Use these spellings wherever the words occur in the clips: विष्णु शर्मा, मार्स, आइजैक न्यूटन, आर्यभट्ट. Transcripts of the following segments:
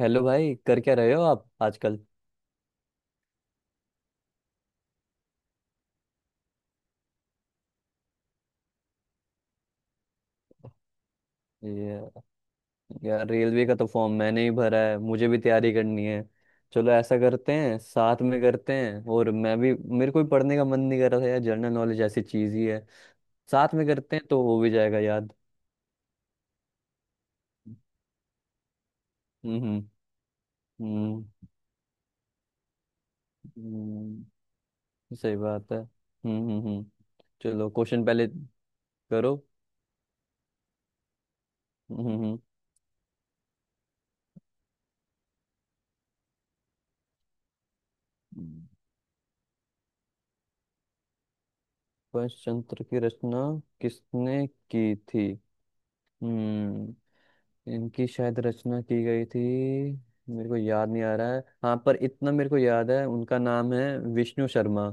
Hello भाई। कर क्या रहे हो आप आजकल? ये। यार, रेलवे का तो फॉर्म मैंने ही भरा है। मुझे भी तैयारी करनी है। चलो, ऐसा करते हैं, साथ में करते हैं। और मैं भी, मेरे को भी पढ़ने का मन नहीं कर रहा था यार, जनरल नॉलेज ऐसी चीज ही है। साथ में करते हैं तो हो भी जाएगा याद। हम्म। हम्म। हम्म। हम्म। सही बात है। हम्म। हम्म। हम्म। चलो, क्वेश्चन पहले करो। हम्म। हम्म। पंचतंत्र की रचना किसने की थी? हम्म। इनकी शायद रचना की गई थी। मेरे को याद नहीं आ रहा है। हाँ, पर इतना मेरे को याद है, उनका नाम है विष्णु शर्मा।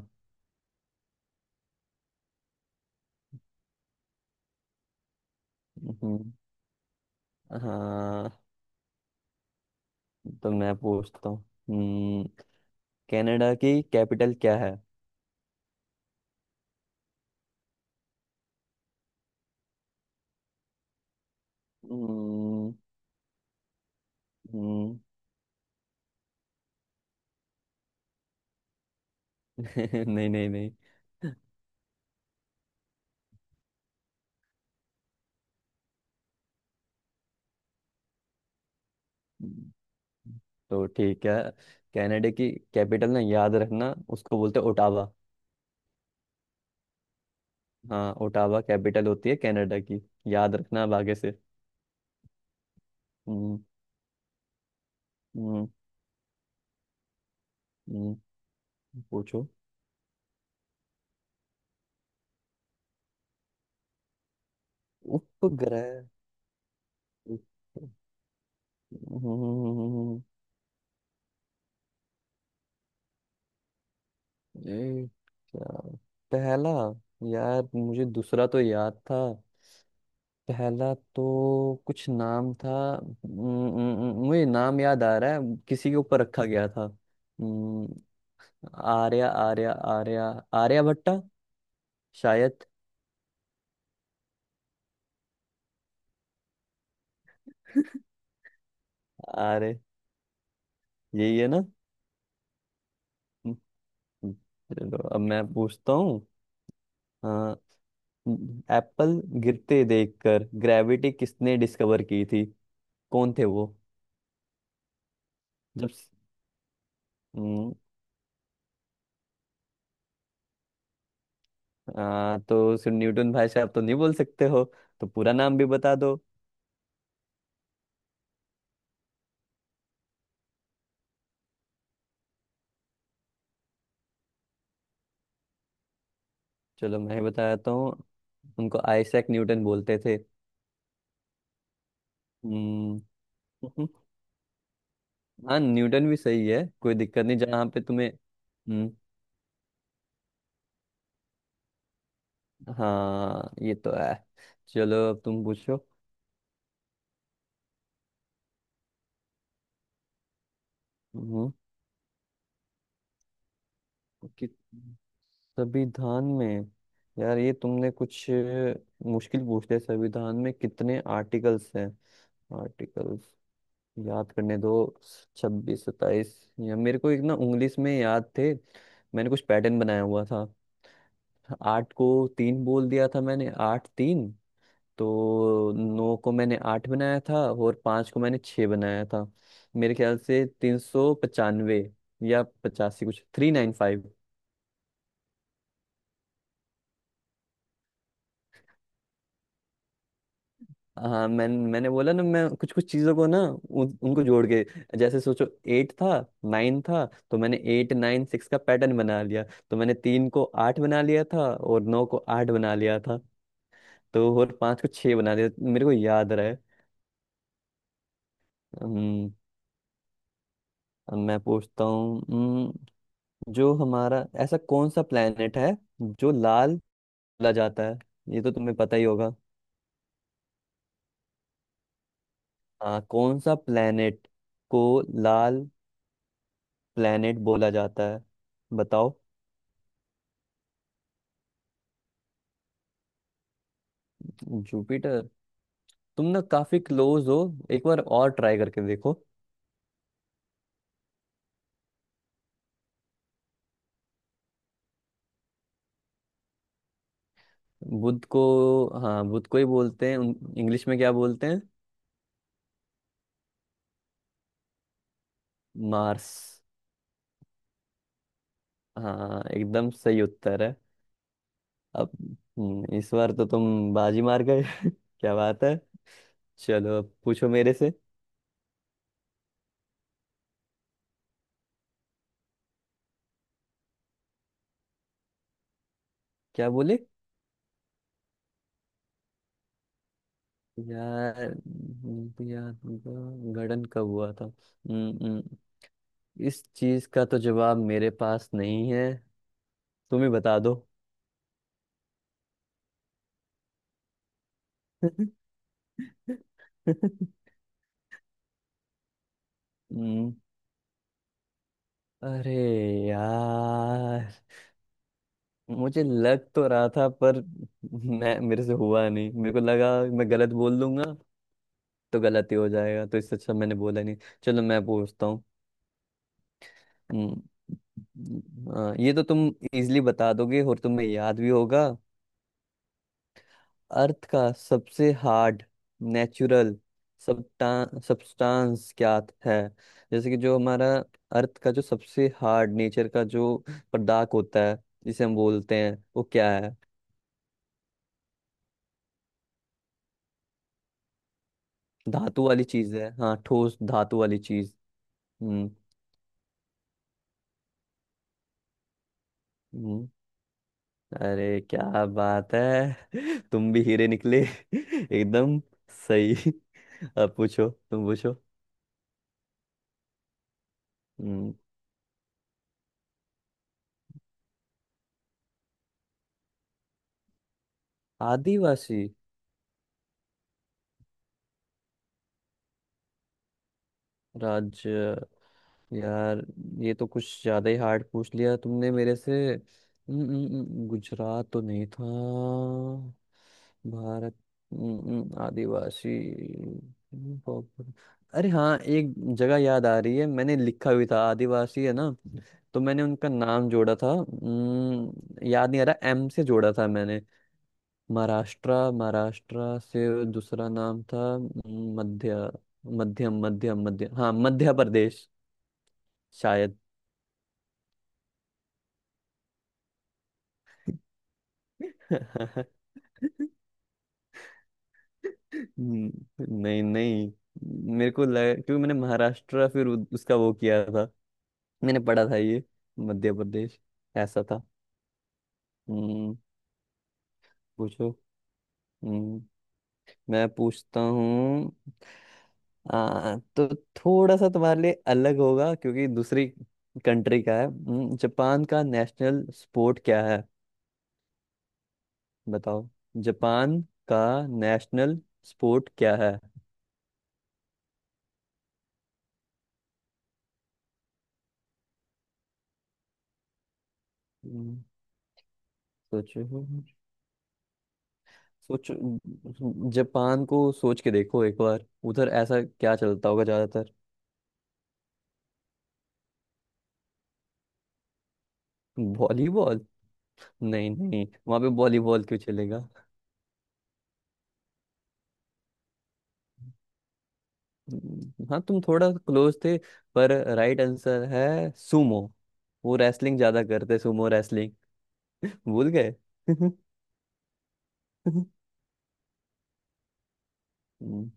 हम्म। हाँ। तो मैं पूछता हूँ। हम्म। कनाडा की कैपिटल क्या है? हम्म। हम्म। नहीं, नहीं, नहीं। हम्म। तो ठीक है। कनाडा की कैपिटल, ना, याद रखना, उसको बोलते हैं ओटावा। हाँ, ओटावा कैपिटल होती है कनाडा की। याद रखना अब आगे से। हम्म। हम्म। हम्म। पूछो। उपग्रह। हम्म। ये क्या? पहला? यार, मुझे दूसरा तो याद था, पहला तो कुछ नाम था। हम्म। हम्म। मुझे नाम याद आ रहा है। किसी के ऊपर रखा गया था। हम्म। आर्या आर्या आर्या आर्यभट्टा शायद। आर्य, यही है ना? हम्म। चलो, अब मैं पूछता हूँ। हाँ। एप्पल गिरते देखकर ग्रेविटी किसने डिस्कवर की थी? कौन थे वो? जब। हम्म। तो सिर्फ न्यूटन भाई साहब तो नहीं बोल सकते हो। तो पूरा नाम भी बता दो। चलो, मैं बताता हूँ। उनको आइजैक न्यूटन बोलते थे। हम्म। हाँ, न्यूटन भी सही है, कोई दिक्कत नहीं जहाँ पे तुम्हें। हम्म। हाँ, ये तो है। चलो, अब तुम पूछो। हम्म। कि संविधान में। यार, ये तुमने कुछ मुश्किल पूछ लिया। संविधान में कितने आर्टिकल्स हैं? आर्टिकल्स। याद करने दो। 26, 27। या मेरे को, एक ना, इंग्लिश में याद थे। मैंने कुछ पैटर्न बनाया हुआ था। आठ को तीन बोल दिया था मैंने, आठ तीन। तो नौ को मैंने आठ बनाया था, और पाँच को मैंने छः बनाया था। मेरे ख्याल से 395 या 85 कुछ, 395। हाँ, मैंने बोला ना, मैं कुछ कुछ चीजों को ना, उनको जोड़ के, जैसे सोचो। एट था, नाइन था। तो मैंने एट नाइन सिक्स का पैटर्न बना लिया। तो मैंने तीन को आठ बना लिया था और नौ को आठ बना लिया था। तो और पांच को छह बना लिया, मेरे को याद रहा है। हम्म। अब मैं पूछता हूँ। हम्म। जो हमारा, ऐसा कौन सा प्लेनेट है जो लाल बोला जाता है? ये तो तुम्हें पता ही होगा। हाँ, कौन सा प्लेनेट को लाल प्लेनेट बोला जाता है? बताओ। जुपिटर? तुम ना काफी क्लोज हो। एक बार और ट्राई करके देखो। बुध को? हाँ, बुध को ही बोलते हैं। इंग्लिश में क्या बोलते हैं? मार्स। हाँ, एकदम सही उत्तर है। अब। हम्म। इस बार तो तुम बाजी मार गए। क्या बात है। चलो, अब पूछो मेरे से। क्या बोले? यार। हम्म। यार, उनका गठन कब हुआ था। हम्म। हम्म। इस चीज का तो जवाब मेरे पास नहीं है। तुम ही बता दो। हम्म। अरे यार, मुझे लग तो रहा था, पर मैं, मेरे से हुआ नहीं, मेरे को लगा मैं गलत बोल दूंगा। तो गलत ही हो जाएगा, तो इससे अच्छा मैंने बोला नहीं। चलो, मैं पूछता हूँ। हम्म। हाँ, ये तो तुम इजीली बता दोगे, और तुम्हें याद भी होगा। अर्थ का सबसे हार्ड नेचुरल सब्सटेंस क्या है? जैसे कि जो हमारा अर्थ का जो सबसे हार्ड नेचर का जो पदार्थ होता है, जिसे हम बोलते हैं, वो क्या है? धातु वाली चीज है। हाँ, ठोस धातु वाली चीज। हम्म। हम्म। अरे क्या बात है! तुम भी हीरे निकले। एकदम सही। अब पूछो, तुम पूछो। हम्म। आदिवासी, राज्य। यार, ये तो कुछ ज्यादा ही हार्ड पूछ लिया तुमने मेरे से। हम्म। हम्म। हम्म। गुजरात तो नहीं था। भारत। हम्म। हम्म। आदिवासी। हम्म। अरे हाँ, एक जगह याद आ रही है, मैंने लिखा भी था, आदिवासी है ना। तो मैंने उनका नाम जोड़ा था। हम्म। याद नहीं आ रहा, एम से जोड़ा था मैंने। महाराष्ट्र महाराष्ट्र से। दूसरा नाम था। मध्य, मध्यम, मध्यम, मध्य। हाँ, मध्य प्रदेश शायद। हम्म। नहीं, नहीं, मेरे को लगा क्योंकि मैंने महाराष्ट्र, फिर उसका वो किया था। मैंने पढ़ा था ये। मध्य प्रदेश, ऐसा था। हम्म। पूछो। हम्म। मैं पूछता हूँ। हाँ तो थोड़ा सा तुम्हारे लिए अलग होगा क्योंकि दूसरी कंट्री का है। हम्म। जापान का नेशनल स्पोर्ट क्या है? बताओ। जापान का नेशनल स्पोर्ट क्या है? हम्म। सोचो, सोचो। जापान को सोच के देखो एक बार। उधर ऐसा क्या चलता होगा ज्यादातर? वॉलीबॉल? नहीं, नहीं, वहां पे वॉलीबॉल क्यों चलेगा? हम्म। हाँ, तुम थोड़ा क्लोज थे। पर राइट आंसर है, सुमो। वो रेसलिंग ज्यादा करते, सुमो रेसलिंग। भूल गए।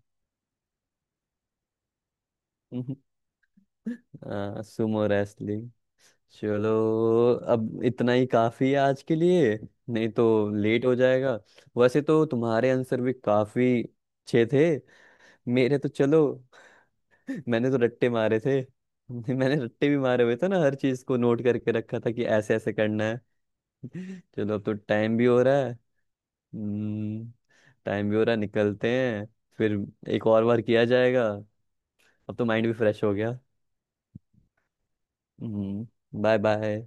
Sumo wrestling. चलो, अब इतना ही काफी है आज के लिए। नहीं तो लेट हो जाएगा। वैसे तो तुम्हारे आंसर भी काफी अच्छे थे। मेरे तो, चलो। मैंने तो रट्टे मारे थे। मैंने रट्टे भी मारे हुए थे ना, हर चीज को नोट करके रखा था कि ऐसे ऐसे करना है। चलो, अब तो टाइम भी हो रहा है। हम्म। टाइम भी हो रहा है, निकलते हैं फिर। एक और बार किया जाएगा। अब तो माइंड भी फ्रेश हो गया। हम्म। Bye, bye.